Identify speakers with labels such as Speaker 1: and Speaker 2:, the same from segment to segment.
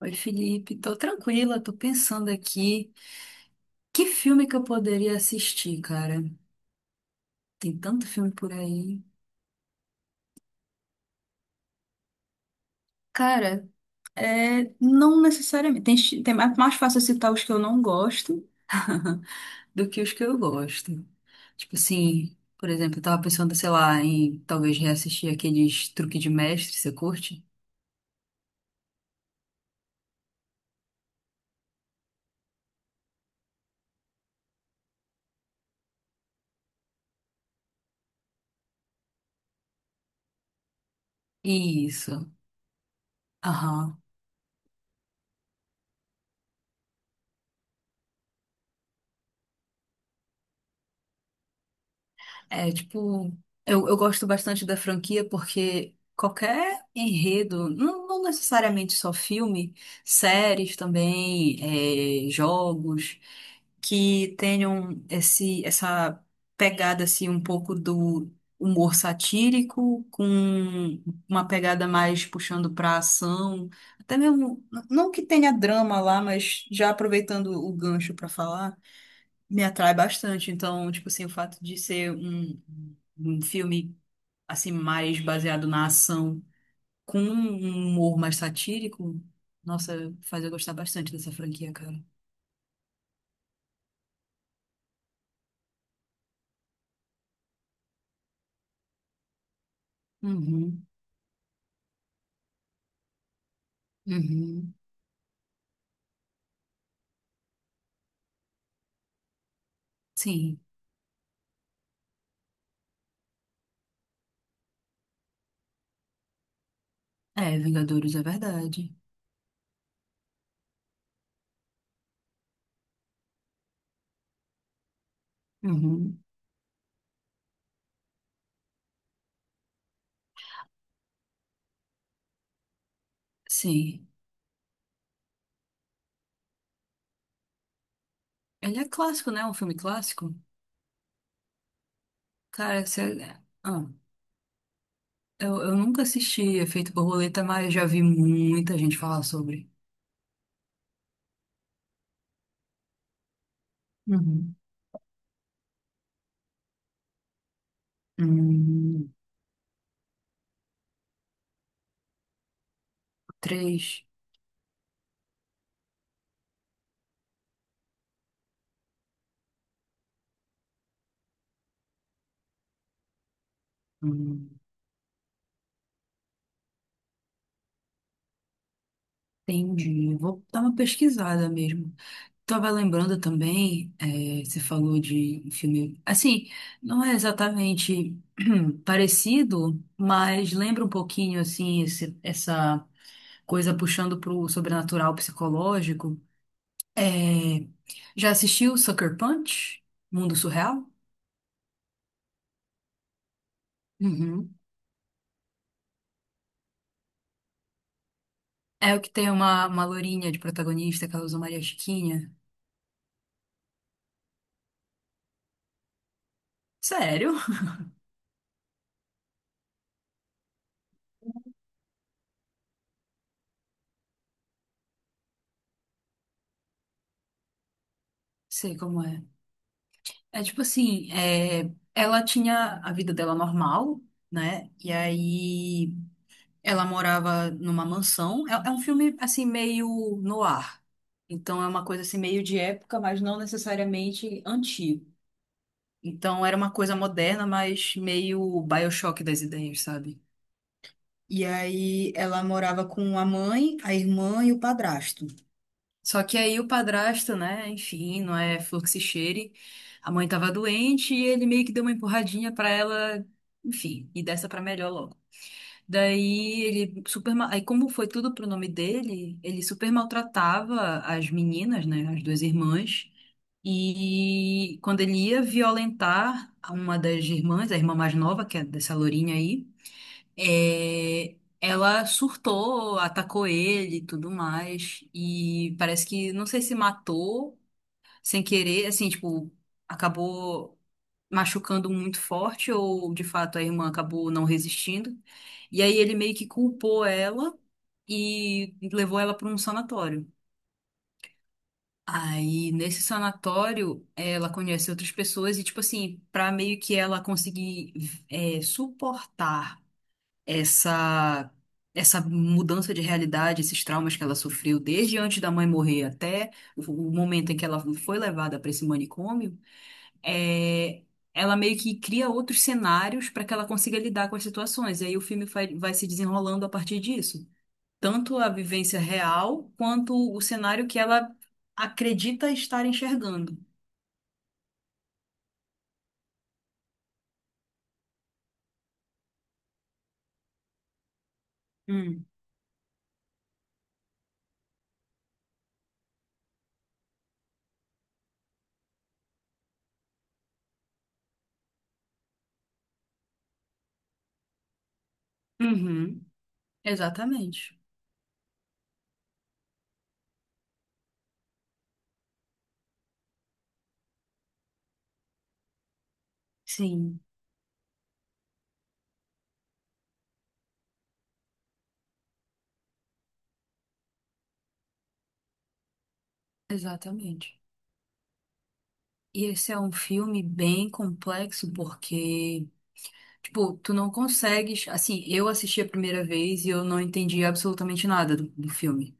Speaker 1: Oi, Felipe, tô tranquila, tô pensando aqui. Que filme que eu poderia assistir, cara? Tem tanto filme por aí. Cara, é, não necessariamente. É mais fácil citar os que eu não gosto do que os que eu gosto. Tipo assim, por exemplo, eu tava pensando, sei lá, em talvez reassistir aqueles Truque de Mestre, você curte? Isso. Aham. É, tipo, eu gosto bastante da franquia porque qualquer enredo, não, não necessariamente só filme, séries também, é, jogos, que tenham essa pegada, assim, um pouco do humor satírico, com uma pegada mais puxando pra ação, até mesmo, não que tenha drama lá, mas já aproveitando o gancho pra falar me atrai bastante. Então, tipo assim, o fato de ser um filme assim mais baseado na ação com um humor mais satírico, nossa, faz eu gostar bastante dessa franquia, cara. Uhum, uhum. Sim. É, Vingadores é verdade. Uhum. Sim. Ele é clássico, né? Um filme clássico. Cara, você... ah, eu nunca assisti Efeito Borboleta, mas já vi muita gente falar sobre. Uhum. Hum, três. Entendi. Vou dar uma pesquisada mesmo. Tava lembrando também, você falou de um filme. Assim, não é exatamente parecido, mas lembra um pouquinho, assim, essa coisa puxando pro sobrenatural psicológico. Eh, já assistiu Sucker Punch? Mundo Surreal? Uhum. É o que tem uma lourinha de protagonista que ela usa Maria Chiquinha. Sério? Sei como é. É tipo assim, é, ela tinha a vida dela normal, né? E aí ela morava numa mansão. É, é um filme assim meio no ar. Então é uma coisa assim meio de época, mas não necessariamente antigo. Então era uma coisa moderna, mas meio BioShock das ideias, sabe? E aí ela morava com a mãe, a irmã e o padrasto. Só que aí o padrasto, né, enfim, não é flor que se cheire. A mãe tava doente e ele meio que deu uma empurradinha pra ela, enfim, e dessa pra melhor logo. Daí ele super, ma- aí como foi tudo pro nome dele, ele super maltratava as meninas, né, as duas irmãs. E quando ele ia violentar uma das irmãs, a irmã mais nova, que é dessa lourinha aí, é, ela surtou, atacou ele e tudo mais. E parece que, não sei se matou sem querer, assim, tipo, acabou machucando muito forte, ou de fato a irmã acabou não resistindo. E aí ele meio que culpou ela e levou ela para um sanatório. Aí, nesse sanatório, ela conhece outras pessoas e, tipo assim, pra meio que ela conseguir, é, suportar essa essa mudança de realidade, esses traumas que ela sofreu desde antes da mãe morrer até o momento em que ela foi levada para esse manicômio, é, ela meio que cria outros cenários para que ela consiga lidar com as situações. E aí o filme vai se desenrolando a partir disso. Tanto a vivência real quanto o cenário que ela acredita estar enxergando. Hum. Uhum. Exatamente. Sim. Exatamente. E esse é um filme bem complexo porque, tipo, tu não consegues. Assim, eu assisti a primeira vez e eu não entendi absolutamente nada do filme.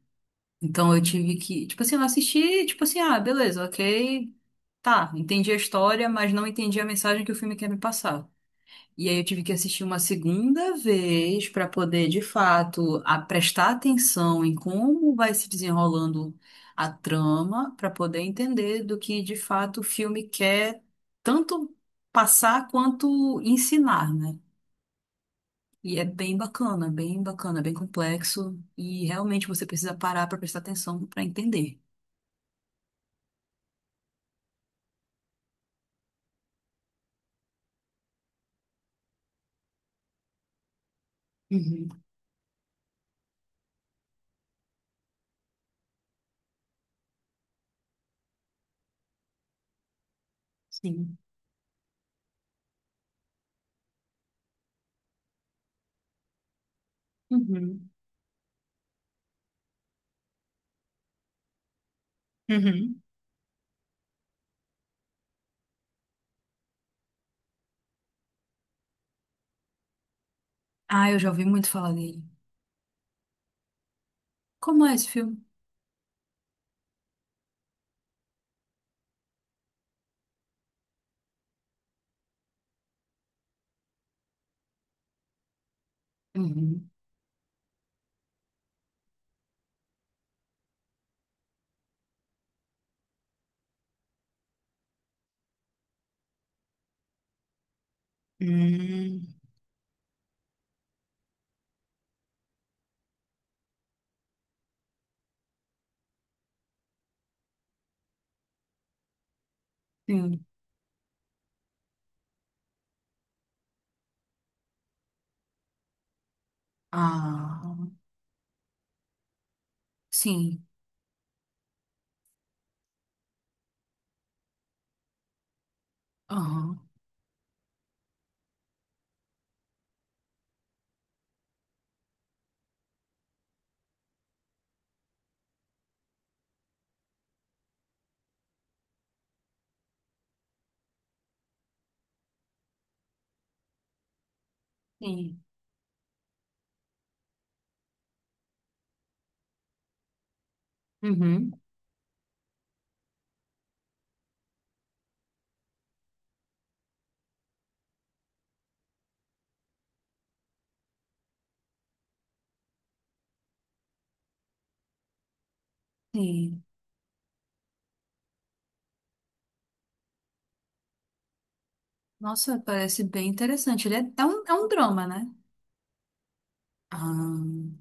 Speaker 1: Então eu tive que. Tipo assim, eu assisti, tipo assim, ah, beleza, ok. Tá, entendi a história, mas não entendi a mensagem que o filme quer me passar. E aí eu tive que assistir uma segunda vez para poder, de fato, a prestar atenção em como vai se desenrolando a trama, para poder entender do que de fato o filme quer tanto passar quanto ensinar, né? E é bem bacana, bem bacana, bem complexo e realmente você precisa parar para prestar atenção para entender. Uhum, sim. Uhum, uhum. Ah, eu já ouvi muito falar dele. Como é esse filme? Uhum. Hum. Sim. Ah, sim. Aham. Sim. Uhum. Sim. Nossa, parece bem interessante. Ele é, é um drama, né? Ah,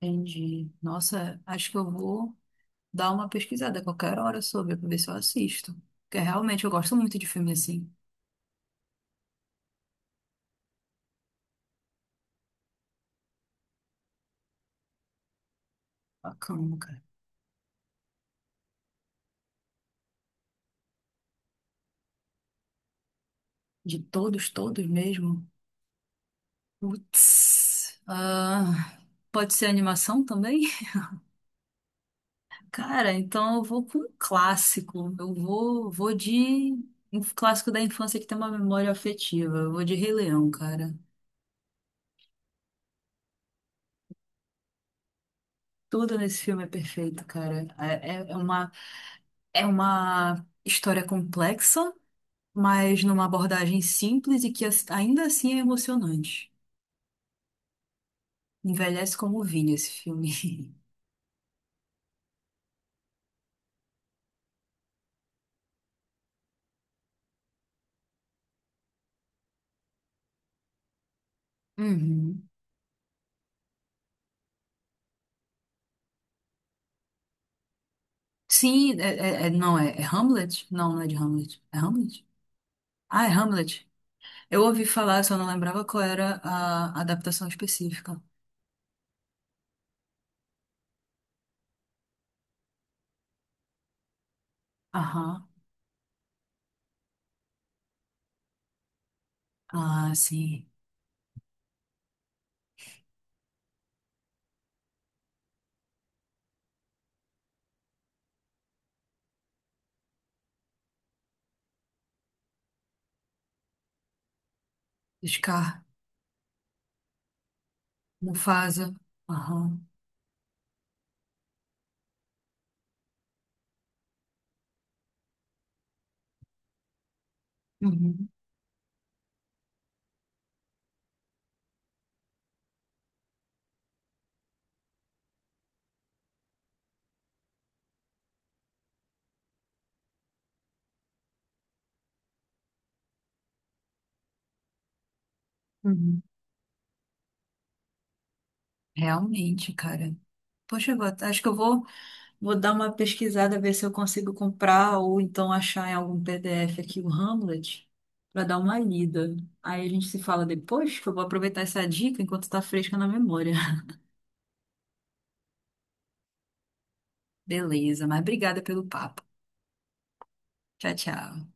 Speaker 1: entendi. Nossa, acho que eu vou dar uma pesquisada a qualquer hora sobre, pra ver se eu assisto. Porque realmente eu gosto muito de filme assim. Bacana, cara. De todos, todos mesmo. Putz. Ah, pode ser animação também? Cara, então eu vou com um clássico. Vou de um clássico da infância que tem uma memória afetiva. Eu vou de Rei Leão, cara. Tudo nesse filme é perfeito, cara. É uma história complexa, mas numa abordagem simples e que ainda assim é emocionante. Envelhece como vinho esse filme. Uhum. Sim, não, é, é Hamlet? Não, não é de Hamlet. É Hamlet? Ah, é Hamlet. Eu ouvi falar, só não lembrava qual era a adaptação específica. Aham. Ah, sim. Scar, Mufasa. Aham. Uhum. Uhum. Realmente, cara. Poxa, acho que vou dar uma pesquisada, ver se eu consigo comprar ou então achar em algum PDF aqui o Hamlet para dar uma lida. Aí a gente se fala depois, que eu vou aproveitar essa dica enquanto está fresca na memória. Beleza, mas obrigada pelo papo. Tchau, tchau.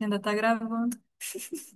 Speaker 1: Ainda tá gravando.